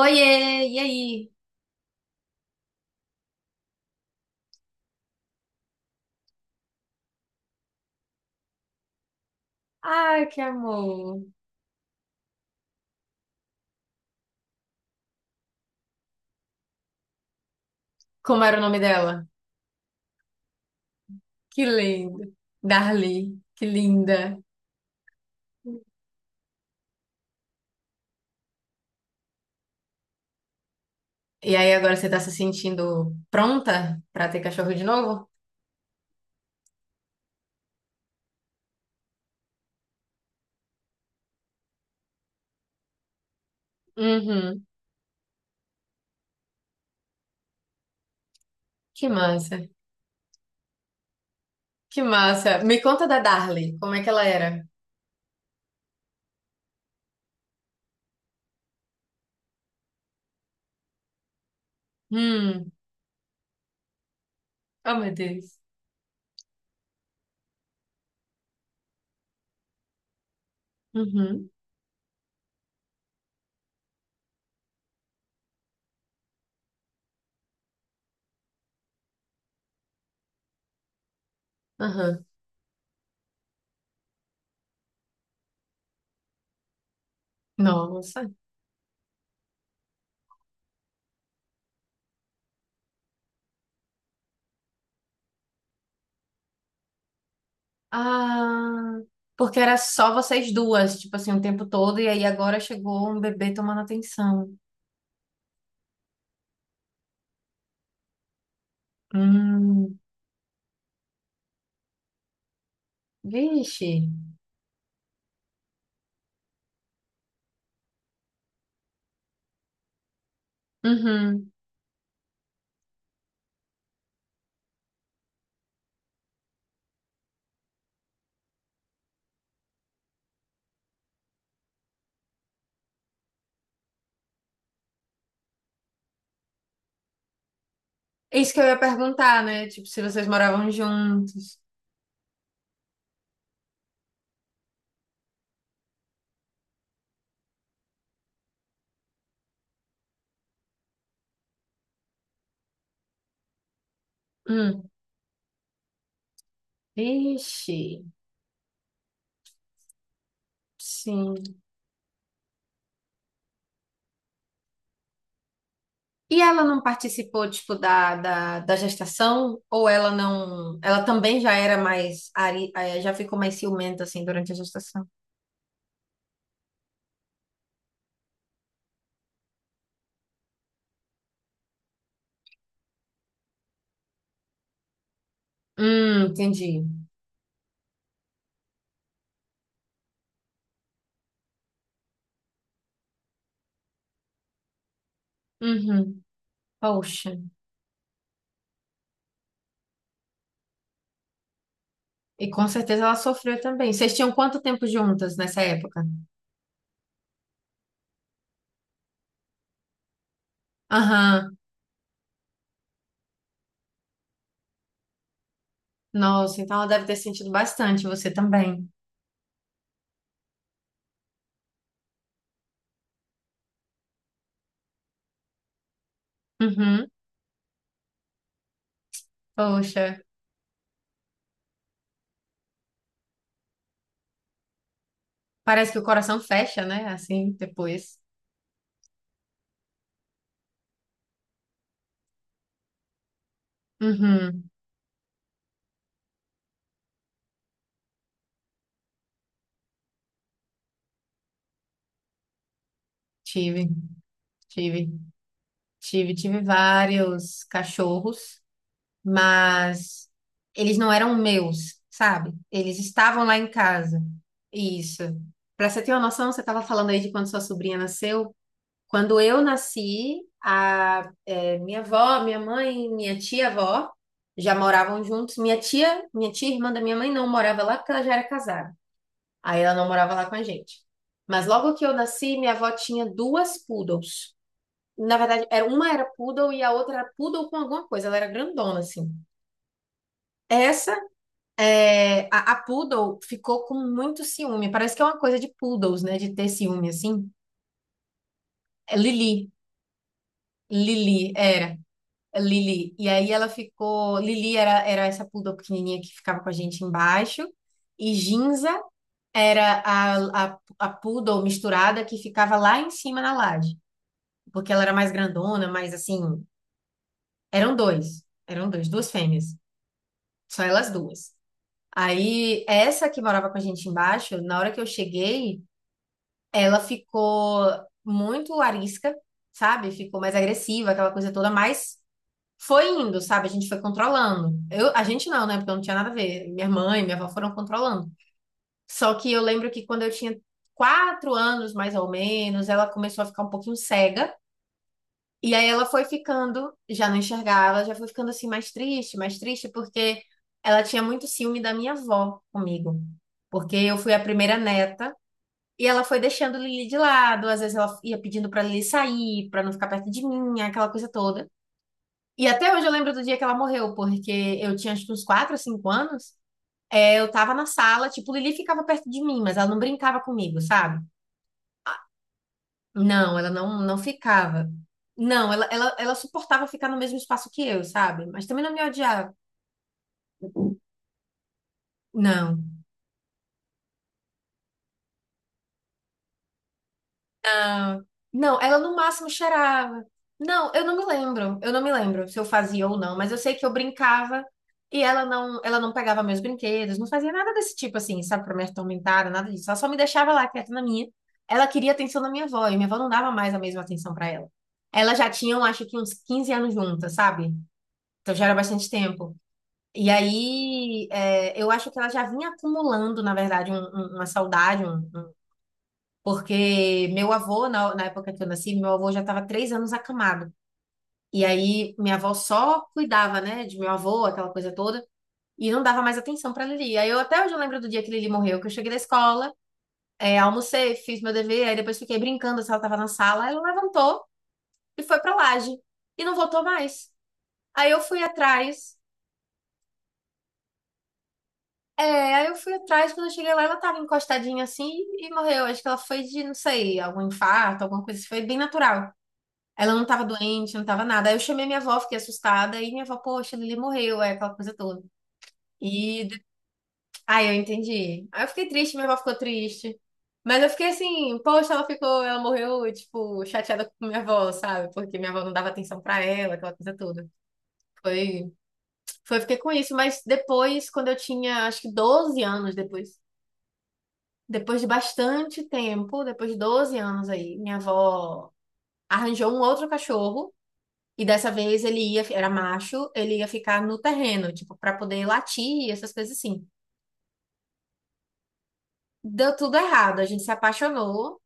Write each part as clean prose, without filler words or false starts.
Oiê, e aí? Ai, que amor. Como era o nome dela? Que lindo. Darly, que linda. E aí, agora você tá se sentindo pronta pra ter cachorro de novo? Uhum. Que massa. Que massa. Me conta da Darly, como é que ela era? Hum. Oh, meu Deus. Uhum. Aham. Nossa. Ah, porque era só vocês duas, tipo assim, o tempo todo, e aí agora chegou um bebê tomando atenção. Hum. Vixe. Uhum. É isso que eu ia perguntar, né? Tipo, se vocês moravam juntos. Hum. Ixi, sim. E ela não participou, tipo, da gestação? Ou ela não... Ela também já era mais... Já ficou mais ciumenta, assim, durante a gestação? Entendi. Uhum. Poxa. E com certeza ela sofreu também. Vocês tinham quanto tempo juntas nessa época? Aham. Nossa, então ela deve ter sentido bastante, você também. Uhum. Poxa. Parece que o coração fecha, né? Assim, depois. Uhum. Tive, tive, tive vários cachorros, mas eles não eram meus, sabe? Eles estavam lá em casa. Isso. Pra você ter uma noção, você estava falando aí de quando sua sobrinha nasceu. Quando eu nasci, minha avó, minha mãe, minha tia-avó já moravam juntos. Minha tia irmã da minha mãe não morava lá porque ela já era casada. Aí ela não morava lá com a gente. Mas logo que eu nasci, minha avó tinha duas poodles. Na verdade, era, uma era poodle e a outra era poodle com alguma coisa. Ela era grandona, assim. Essa, a poodle ficou com muito ciúme. Parece que é uma coisa de poodles, né? De ter ciúme, assim. É Lili. Lili, era. É Lili. E aí ela ficou... Lili era essa poodle pequenininha que ficava com a gente embaixo. E Ginza era a poodle misturada que ficava lá em cima na laje. Porque ela era mais grandona, mas assim, eram duas fêmeas, só elas duas. Aí, essa que morava com a gente embaixo, na hora que eu cheguei, ela ficou muito arisca, sabe? Ficou mais agressiva, aquela coisa toda, mas foi indo, sabe? A gente foi controlando. Eu, a gente não, né? Porque eu não tinha nada a ver. Minha mãe, minha avó foram controlando. Só que eu lembro que quando eu tinha quatro anos, mais ou menos, ela começou a ficar um pouquinho cega. E aí ela foi ficando, já não enxergava, já foi ficando assim mais triste, porque ela tinha muito ciúme da minha avó comigo. Porque eu fui a primeira neta e ela foi deixando Lili de lado, às vezes ela ia pedindo pra Lili sair, pra não ficar perto de mim, aquela coisa toda. E até hoje eu lembro do dia que ela morreu, porque eu tinha acho que uns 4 ou cinco anos, eu tava na sala, tipo, Lili ficava perto de mim, mas ela não brincava comigo, sabe? Não, ela não ficava. Não, ela suportava ficar no mesmo espaço que eu, sabe? Mas também não me odiava. Não. Ah, não, ela no máximo cheirava. Não, eu não me lembro. Eu não me lembro se eu fazia ou não, mas eu sei que eu brincava e ela não pegava meus brinquedos, não fazia nada desse tipo assim, sabe, pra me atormentar, nada disso. Ela só me deixava lá quieta na minha. Ela queria atenção da minha avó, e minha avó não dava mais a mesma atenção pra ela. Elas já tinham, acho que uns 15 anos juntas, sabe? Então já era bastante tempo. E aí, eu acho que ela já vinha acumulando, na verdade, uma saudade, porque meu avô, na época que eu nasci, meu avô já estava três anos acamado. E aí, minha avó só cuidava, né, de meu avô, aquela coisa toda, e não dava mais atenção para Lili. Aí, eu até hoje eu lembro do dia que Lili morreu, que eu cheguei da escola, almocei, fiz meu dever, aí depois fiquei brincando se ela estava na sala. Aí ela levantou e foi para laje, e não voltou mais. Aí, eu fui atrás. É, aí eu fui atrás, quando eu cheguei lá, ela tava encostadinha assim e morreu. Acho que ela foi de, não sei, algum infarto, alguma coisa assim. Foi bem natural. Ela não tava doente, não tava nada. Aí eu chamei minha avó, fiquei assustada. E minha avó, poxa, Lili morreu, é aquela coisa toda. E de- Aí eu entendi. Aí eu fiquei triste, minha avó ficou triste. Mas eu fiquei assim, poxa, ela morreu, tipo, chateada com minha avó, sabe? Porque minha avó não dava atenção pra ela, aquela coisa toda. Foi, foi, eu fiquei com isso. Mas depois, quando eu tinha, acho que doze anos depois. Depois de bastante tempo, depois de 12 anos aí, minha avó arranjou um outro cachorro. E dessa vez era macho, ele ia ficar no terreno, tipo, para poder latir, essas coisas assim. Deu tudo errado, a gente se apaixonou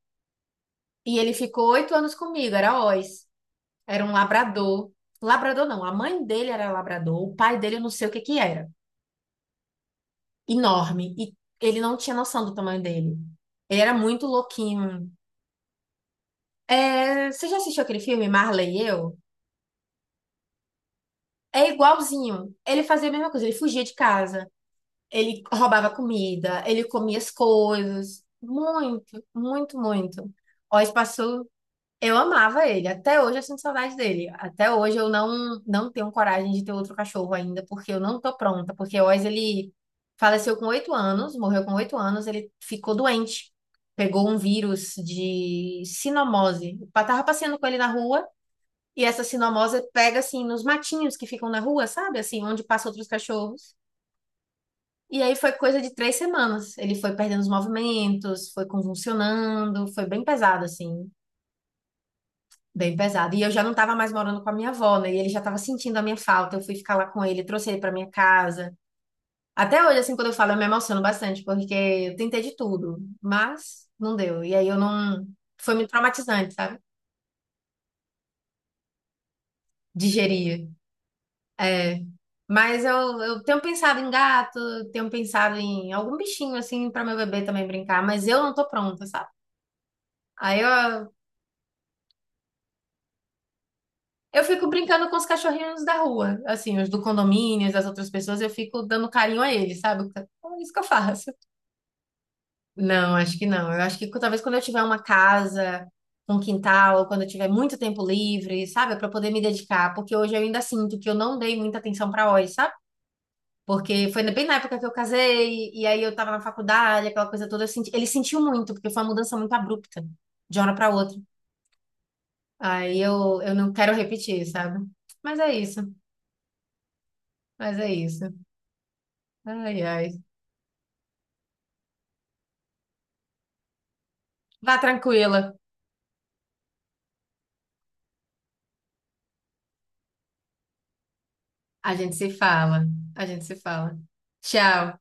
e ele ficou oito anos comigo, era Oz. Era um labrador. Labrador não, a mãe dele era labrador, o pai dele eu não sei o que que era. Enorme. E ele não tinha noção do tamanho dele. Ele era muito louquinho. É, você já assistiu aquele filme Marley e Eu? É igualzinho. Ele fazia a mesma coisa. Ele fugia de casa. Ele roubava comida. Ele comia as coisas. Muito, muito, muito. Ó, espaço. Eu amava ele. Até hoje eu sinto saudade dele. Até hoje eu não tenho coragem de ter outro cachorro ainda, porque eu não tô pronta. Porque o Oz, ele faleceu com oito anos, morreu com oito anos. Ele ficou doente. Pegou um vírus de cinomose. Eu tava passeando com ele na rua e essa cinomose pega assim nos matinhos que ficam na rua, sabe? Assim, onde passam outros cachorros. E aí foi coisa de três semanas. Ele foi perdendo os movimentos, foi convulsionando, foi bem pesado, assim, bem pesado. E eu já não estava mais morando com a minha avó, né? E ele já estava sentindo a minha falta. Eu fui ficar lá com ele, trouxe ele para minha casa. Até hoje, assim, quando eu falo, eu me emociono bastante, porque eu tentei de tudo, mas não deu. E aí eu não. Foi muito traumatizante, sabe? Digerir. É, mas eu tenho pensado em gato, tenho pensado em algum bichinho assim para meu bebê também brincar, mas eu não tô pronta, sabe? Aí eu, eu fico brincando com os cachorrinhos da rua, assim, os do condomínio, das outras pessoas, eu fico dando carinho a eles, sabe? Então, é isso que eu faço. Não, acho que não. Eu acho que talvez quando eu tiver uma casa, um quintal, ou quando eu tiver muito tempo livre, sabe? Para poder me dedicar, porque hoje eu ainda sinto que eu não dei muita atenção para a. Porque foi bem na época que eu casei, e aí eu tava na faculdade, aquela coisa toda. Eu senti, ele sentiu muito, porque foi uma mudança muito abrupta, de uma hora pra outra. Eu não quero repetir, sabe? Mas é isso, mas é isso. Ai, ai. Vá tranquila. A gente se fala, a gente se fala. Tchau.